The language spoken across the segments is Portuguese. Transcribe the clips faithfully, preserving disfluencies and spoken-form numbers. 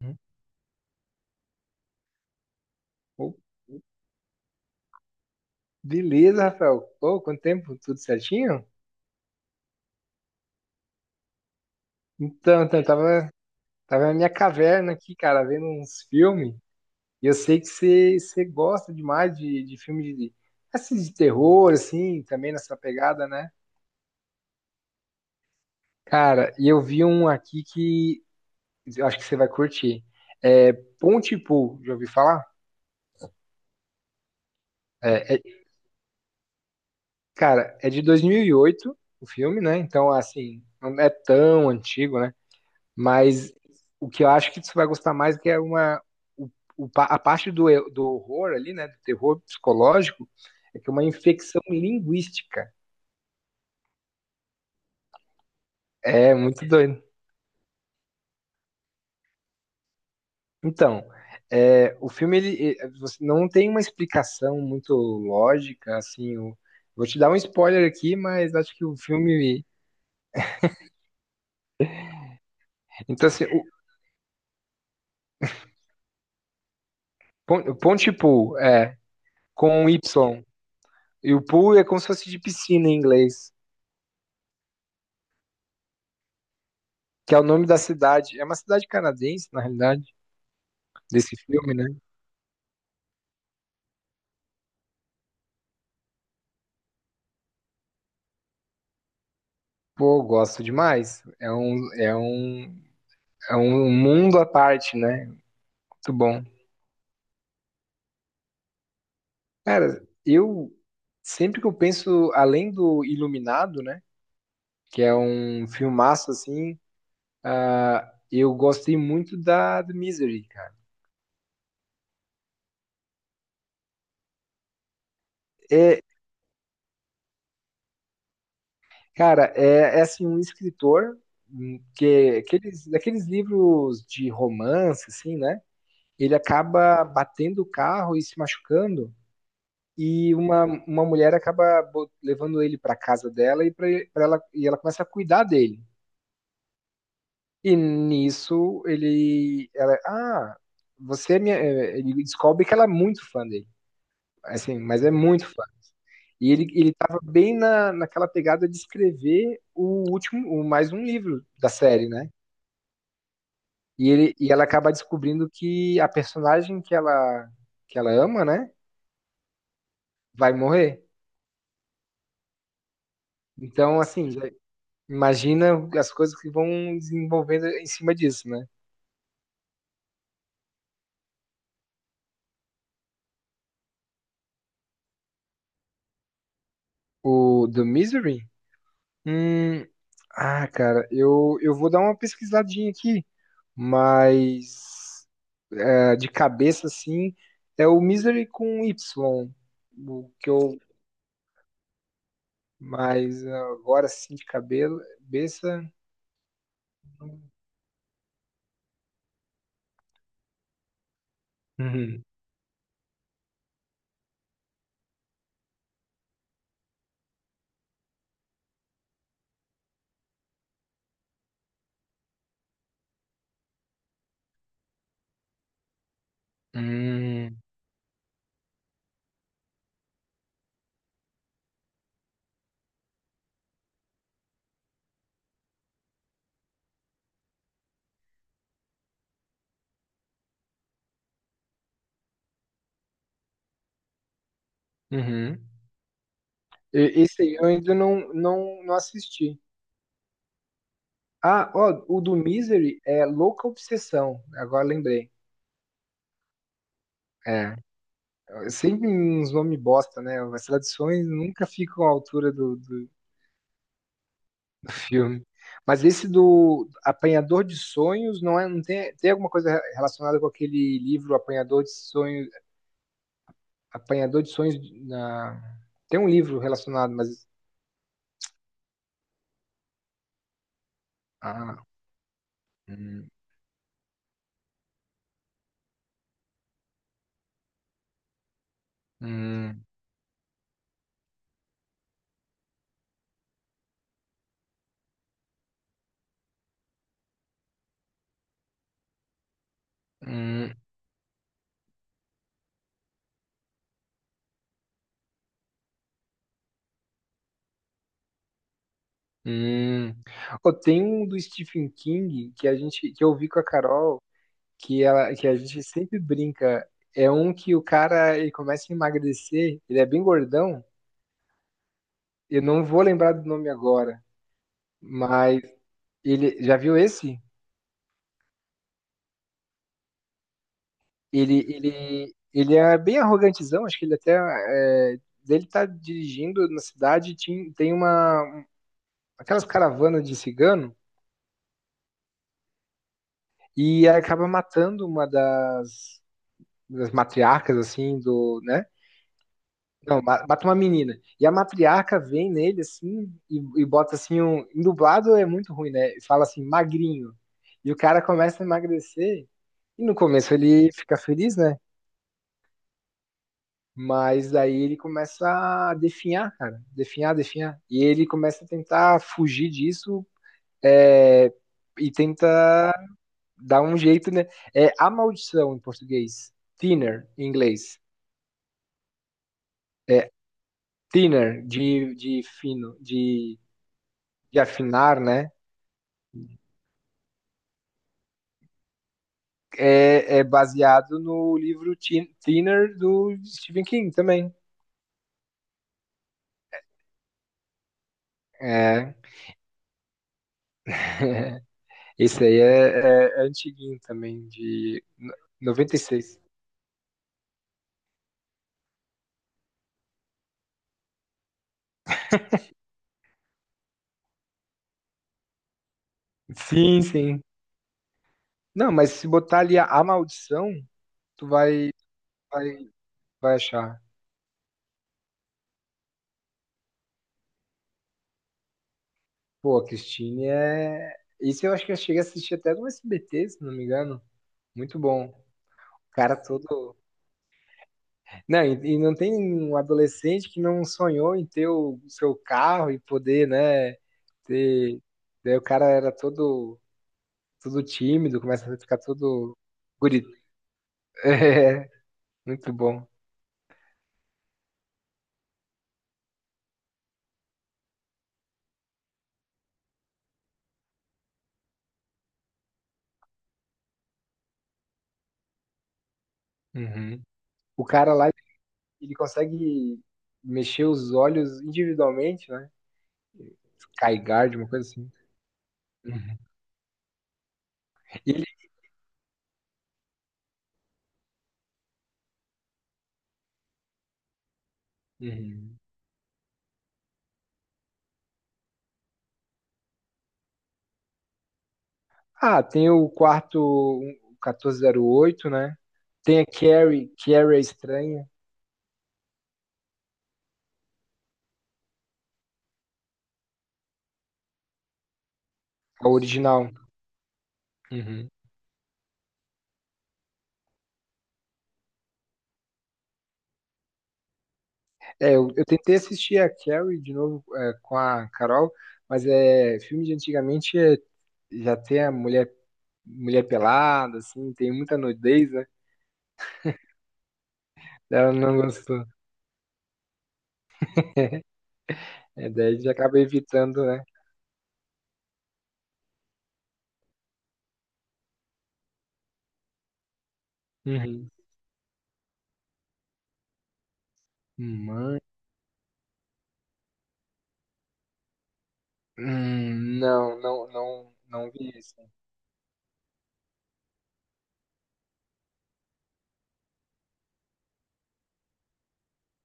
Uhum. Pô, beleza, Rafael. Pô, quanto tempo? Tudo certinho? Então, então eu tava, tava na minha caverna aqui, cara, vendo uns filmes. E eu sei que você você gosta demais de, de filme de, assim, de terror, assim, também nessa pegada, né? Cara, e eu vi um aqui que eu acho que você vai curtir. É Pontypool, já ouviu falar? É, é- cara, é de dois mil e oito, o filme, né? Então, assim, não é tão antigo, né? Mas o que eu acho que você vai gostar mais é que é uma o, o pa- a parte do, e- do horror ali, né, do terror psicológico, é que é uma infecção linguística. É muito doido. Então, é, o filme ele, eh, você não tem uma explicação muito lógica, assim. O- vou te dar um spoiler aqui, mas acho que o filme. Então, assim, o, pon- o Ponte Pool é com um Y. E o pool é como se fosse de piscina em inglês, que é o nome da cidade. É uma cidade canadense, na realidade. Desse filme, né? Pô, gosto demais. É um, é um, é um mundo à parte, né? Muito bom. Cara, eu sempre que eu penso, além do Iluminado, né? Que é um filmaço assim, ah, eu gostei muito da do Misery, cara. É, cara, é, é assim, um escritor hum, que é aqueles, daqueles livros de romance, assim, né? Ele acaba batendo o carro e se machucando. E uma, uma mulher acaba bo- levando ele para casa dela e pra, pra ela e ela começa a cuidar dele. E nisso ele ela ah, você é minha, é, ele descobre que ela é muito fã dele. Assim, mas é muito fã. E ele ele tava bem na, naquela pegada de escrever o último, o mais um livro da série, né? E ele e ela acaba descobrindo que a personagem que ela que ela ama, né, vai morrer. Então, assim, já- Imagina as coisas que vão desenvolvendo em cima disso, né? O do Misery? Hum, ah, cara, eu, eu vou dar uma pesquisadinha aqui, mas é, de cabeça, assim, é o Misery com Y, o que eu, mas agora, assim, de cabelo, cabeça... Uhum. Hum, uhum. E- Esse aí eu ainda não, não, não assisti. Ah, ó, o do Misery é Louca Obsessão, agora lembrei. É, é, sempre uns nomes bosta, né? As traduções nunca ficam à altura do, do, do filme. Mas esse do Apanhador de Sonhos não é, não tem, tem alguma coisa relacionada com aquele livro Apanhador de Sonhos, Apanhador de Sonhos na, tem um livro relacionado, mas ah, hum, hum, hum, hum. Ô, tem um do Stephen King que a gente que eu vi com a Carol que, ela, que a gente sempre brinca. É um que o cara ele começa a emagrecer, ele é bem gordão. Eu não vou lembrar do nome agora, mas ele já viu esse? Ele, ele, ele é bem arrogantezão, acho que ele até é, ele tá dirigindo na cidade, tin- tem uma aquelas caravanas de cigano e acaba matando uma das, das matriarcas assim do, né? Não, ma- mata uma menina. E a matriarca vem nele assim e, e bota assim um. Em dublado é muito ruim, né? E Fala assim, magrinho. E o cara começa a emagrecer. E no começo ele fica feliz, né? Mas daí ele começa a definhar, cara. Definhar, definhar. E ele começa a tentar fugir disso é, e tenta dar um jeito, né? É a maldição em português. Thinner, em inglês. É thinner, de, de fino, de, de afinar, né? é, é baseado no livro Thinner do Stephen King também. É. Esse aí é, é, é antiguinho também, de noventa e seis. Sim, sim. Não, mas se botar ali a, a maldição, tu vai, vai, vai achar. Pô, a Christine é. Isso eu acho que eu cheguei a assistir até no S B T, se não me engano. Muito bom. O Cara todo. Não, e, e não tem um adolescente que não sonhou em ter o seu carro e poder, né? Você- Daí o cara era todo, todo tímido, começa a ficar todo guri. É, muito bom. Uhum. O cara lá, ele consegue mexer os olhos individualmente, né? Sky Guard, uma coisa assim. Uhum. Ele- Uhum. Ah, tem o quarto um, quatorze zero oito né? Tem a Carrie, Carrie é estranha, a original. Uhum. É, eu, eu tentei assistir a Carrie de novo é, com a Carol, mas é filme de antigamente é, já tem a mulher mulher pelada, assim, tem muita nudez, né? Ela não gostou. É, daí já acaba evitando, né? Uhum. Mãe. Hum, não, não, não, não vi isso.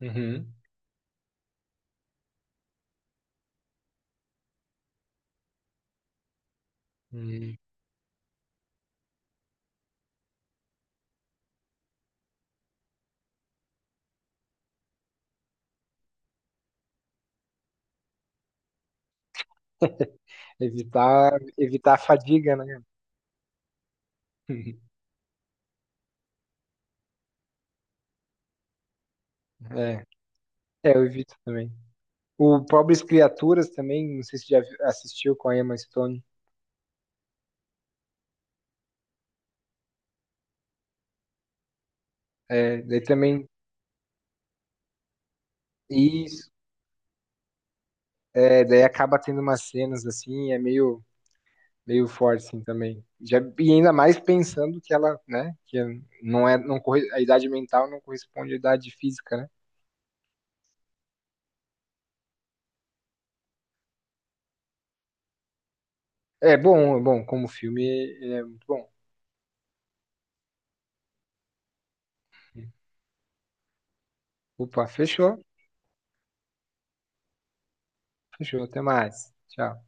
Uhum. Hum. Evitar, evitar a fadiga, né? É, é, eu evito também. O Pobres Criaturas também, não sei se já vi- assistiu com a Emma Stone. É, daí também Isso, é, daí acaba tendo umas cenas assim, é meio, meio forte assim também. Já, e ainda mais pensando que ela, né, que não é, não corre, a idade mental não corresponde à idade física, né? É bom, é bom, como filme, é é muito bom. Opa, fechou, fechou, até mais. Tchau.